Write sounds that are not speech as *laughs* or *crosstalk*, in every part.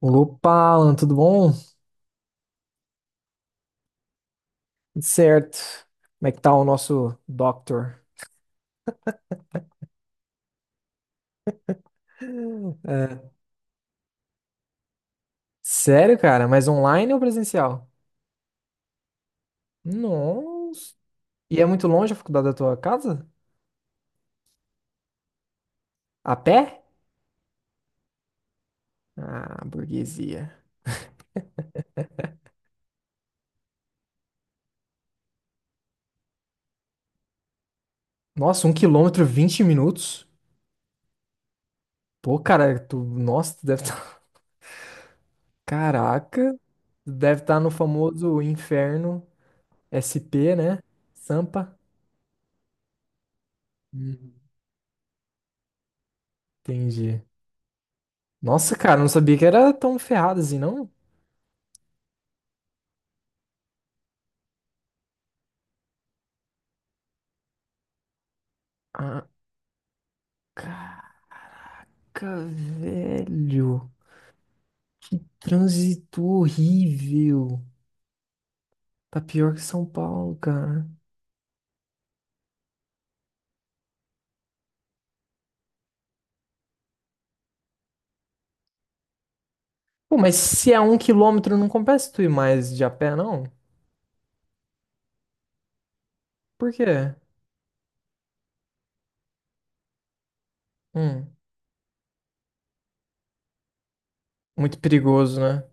Opa, Alan, tudo bom? Tudo certo. Como é que tá o nosso doctor? É, sério, cara? Mas online ou presencial? Nossa. E é muito longe a faculdade da tua casa? A pé? Ah, burguesia. Nossa, 1 quilômetro, 20 minutos? Pô, cara, tu, nossa, tu deve estar... *laughs* Caraca, tu deve estar no famoso inferno SP, né? Sampa. Hum, Entendi. Nossa, cara, não sabia que era tão ferrado assim, não? Ah, Caraca, velho. Que trânsito horrível. Tá pior que São Paulo, cara. Pô, mas se é 1 quilômetro, não compensa tu ir mais de a pé, não? Por quê? Hum, Muito perigoso, né?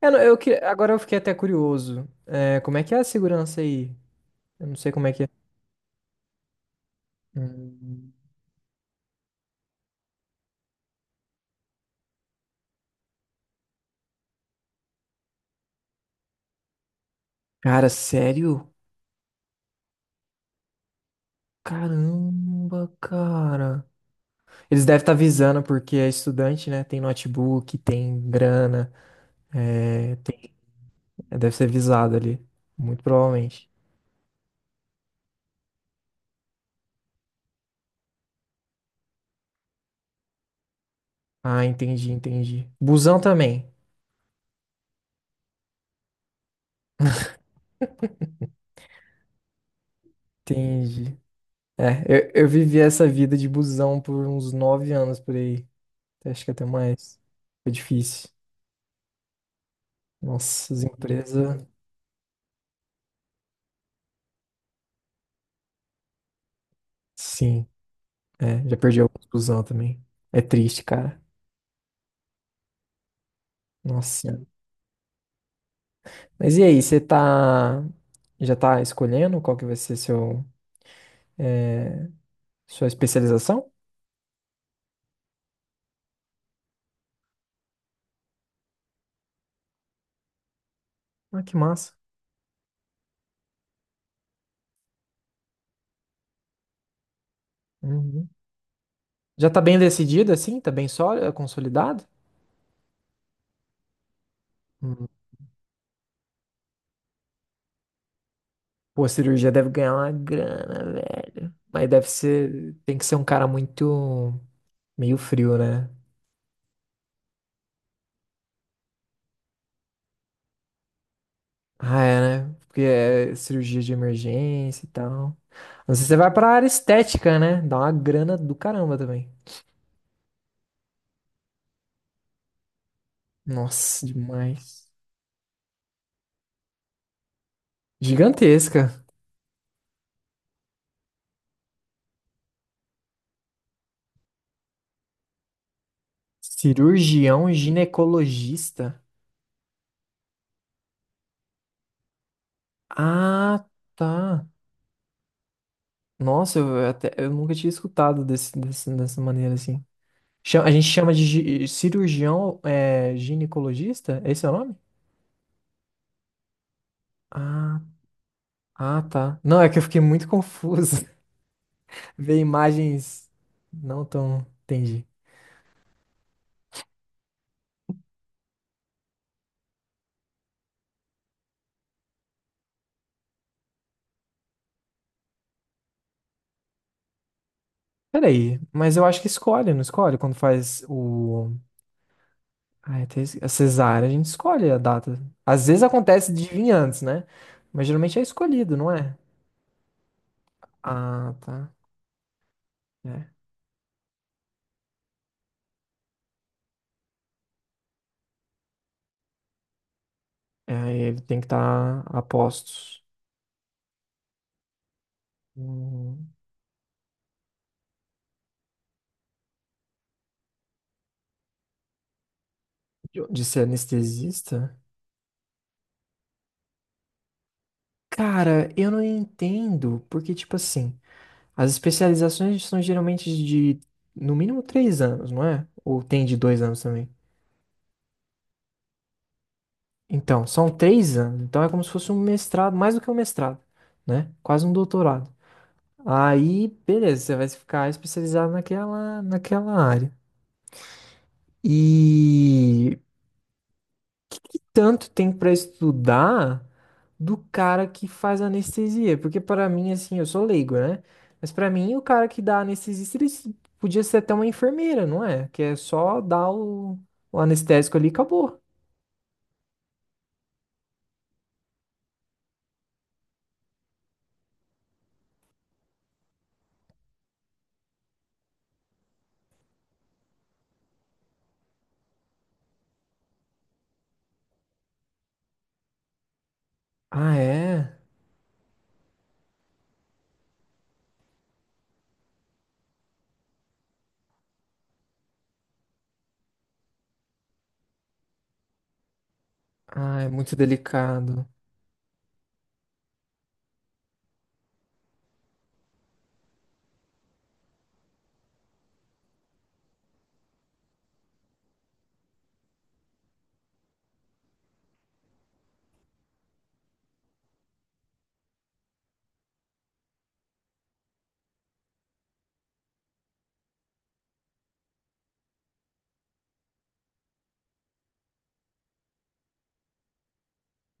É, não, agora eu fiquei até curioso. É, como é que é a segurança aí? Eu não sei como é que é. Hum. Cara, sério? Caramba, cara. Eles devem estar avisando porque é estudante, né? Tem notebook, tem grana, é, é, deve ser visado ali. Muito provavelmente. Ah, entendi, entendi. Busão também. Entendi. É, eu vivi essa vida de busão por uns 9 anos por aí. Acho que até mais. Foi difícil. Nossa, as empresas. Sim, é, já perdi alguns busão também. É triste, cara. Nossa Senhora. Mas e aí, você tá. Já tá escolhendo qual que vai ser sua especialização? Ah, que massa. Uhum. Já tá bem decidido assim? Tá bem sólido, consolidado? Hum. Pô, a cirurgia deve ganhar uma grana, velho. Mas deve ser. Tem que ser um cara muito. Meio frio, né? Ah, é, né? Porque é cirurgia de emergência e tal. Não sei se você vai pra área estética, né? Dá uma grana do caramba também. Nossa, demais. Gigantesca. Cirurgião ginecologista. Ah, tá. Nossa, eu, até, eu nunca tinha escutado desse, dessa maneira assim. A gente chama de cirurgião, ginecologista? Esse é o nome? Ah, ah, tá. Não, é que eu fiquei muito confuso. *laughs* Ver imagens não tão. Entendi. Peraí, mas eu acho que escolhe, não escolhe? Quando faz o. Ai, a cesárea, a gente escolhe a data. Às vezes acontece de vir antes, né? Mas geralmente é escolhido, não é? Ah, tá. É. É, aí ele tem que estar a postos. Hum, De ser anestesista? Cara, eu não entendo, porque, tipo assim, as especializações são geralmente de, no mínimo, 3 anos, não é? Ou tem de 2 anos também. Então, são 3 anos, então é como se fosse um mestrado, mais do que um mestrado, né? Quase um doutorado. Aí, beleza, você vai ficar especializado naquela área. E que tanto tem pra estudar do cara que faz anestesia? Porque pra mim, assim, eu sou leigo, né? Mas pra mim, o cara que dá anestesista, podia ser até uma enfermeira, não é? Que é só dar o anestésico ali e acabou. Ah, é? Ah, é muito delicado.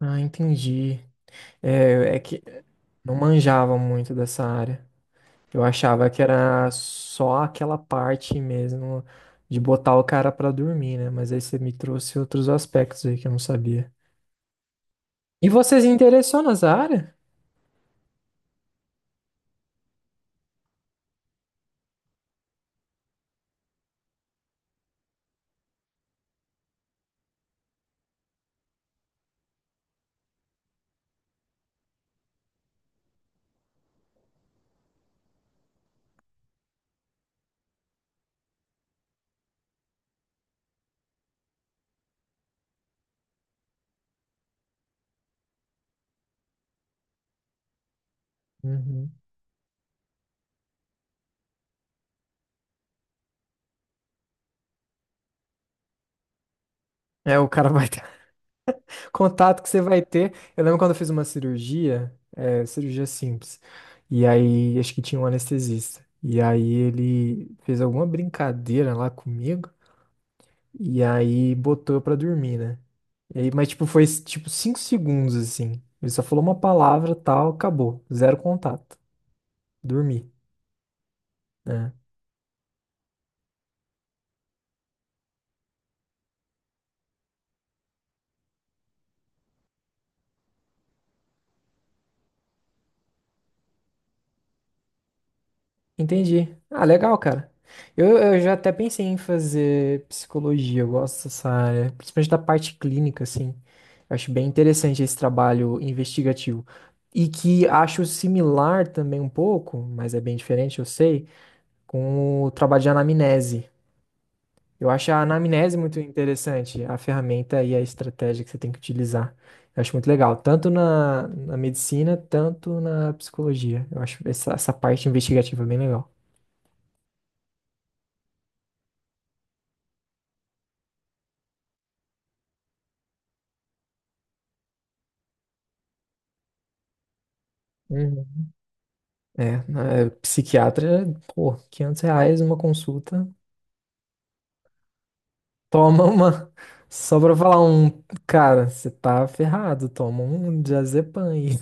Ah, entendi. É que eu não manjava muito dessa área. Eu achava que era só aquela parte mesmo de botar o cara pra dormir, né? Mas aí você me trouxe outros aspectos aí que eu não sabia. E você se interessou nessa área? Uhum. É, o cara vai ter *laughs* contato que você vai ter. Eu lembro quando eu fiz uma cirurgia, cirurgia simples. E aí, acho que tinha um anestesista. E aí ele fez alguma brincadeira lá comigo. E aí botou eu pra dormir, né? E aí, mas tipo, foi tipo 5 segundos assim. Ele só falou uma palavra, tal, acabou. Zero contato. Dormi, né? Entendi. Ah, legal, cara. Eu já até pensei em fazer psicologia, eu gosto dessa área, principalmente da parte clínica, assim. Eu acho bem interessante esse trabalho investigativo. E que acho similar também um pouco, mas é bem diferente, eu sei, com o trabalho de anamnese. Eu acho a anamnese muito interessante, a ferramenta e a estratégia que você tem que utilizar. Eu acho muito legal, tanto na medicina, tanto na psicologia. Eu acho essa parte investigativa bem legal. Uhum. É, psiquiatra, pô, R$ 500 uma consulta. Toma uma. *laughs* Só pra falar um. Cara, você tá ferrado, toma um diazepam aí.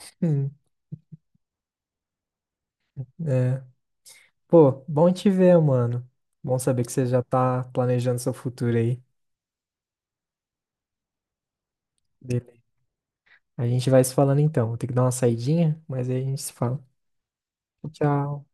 *laughs* Pô, bom te ver, mano. Bom saber que você já tá planejando seu futuro aí. Beleza. A gente vai se falando então. Vou ter que dar uma saidinha, mas aí a gente se fala. Tchau.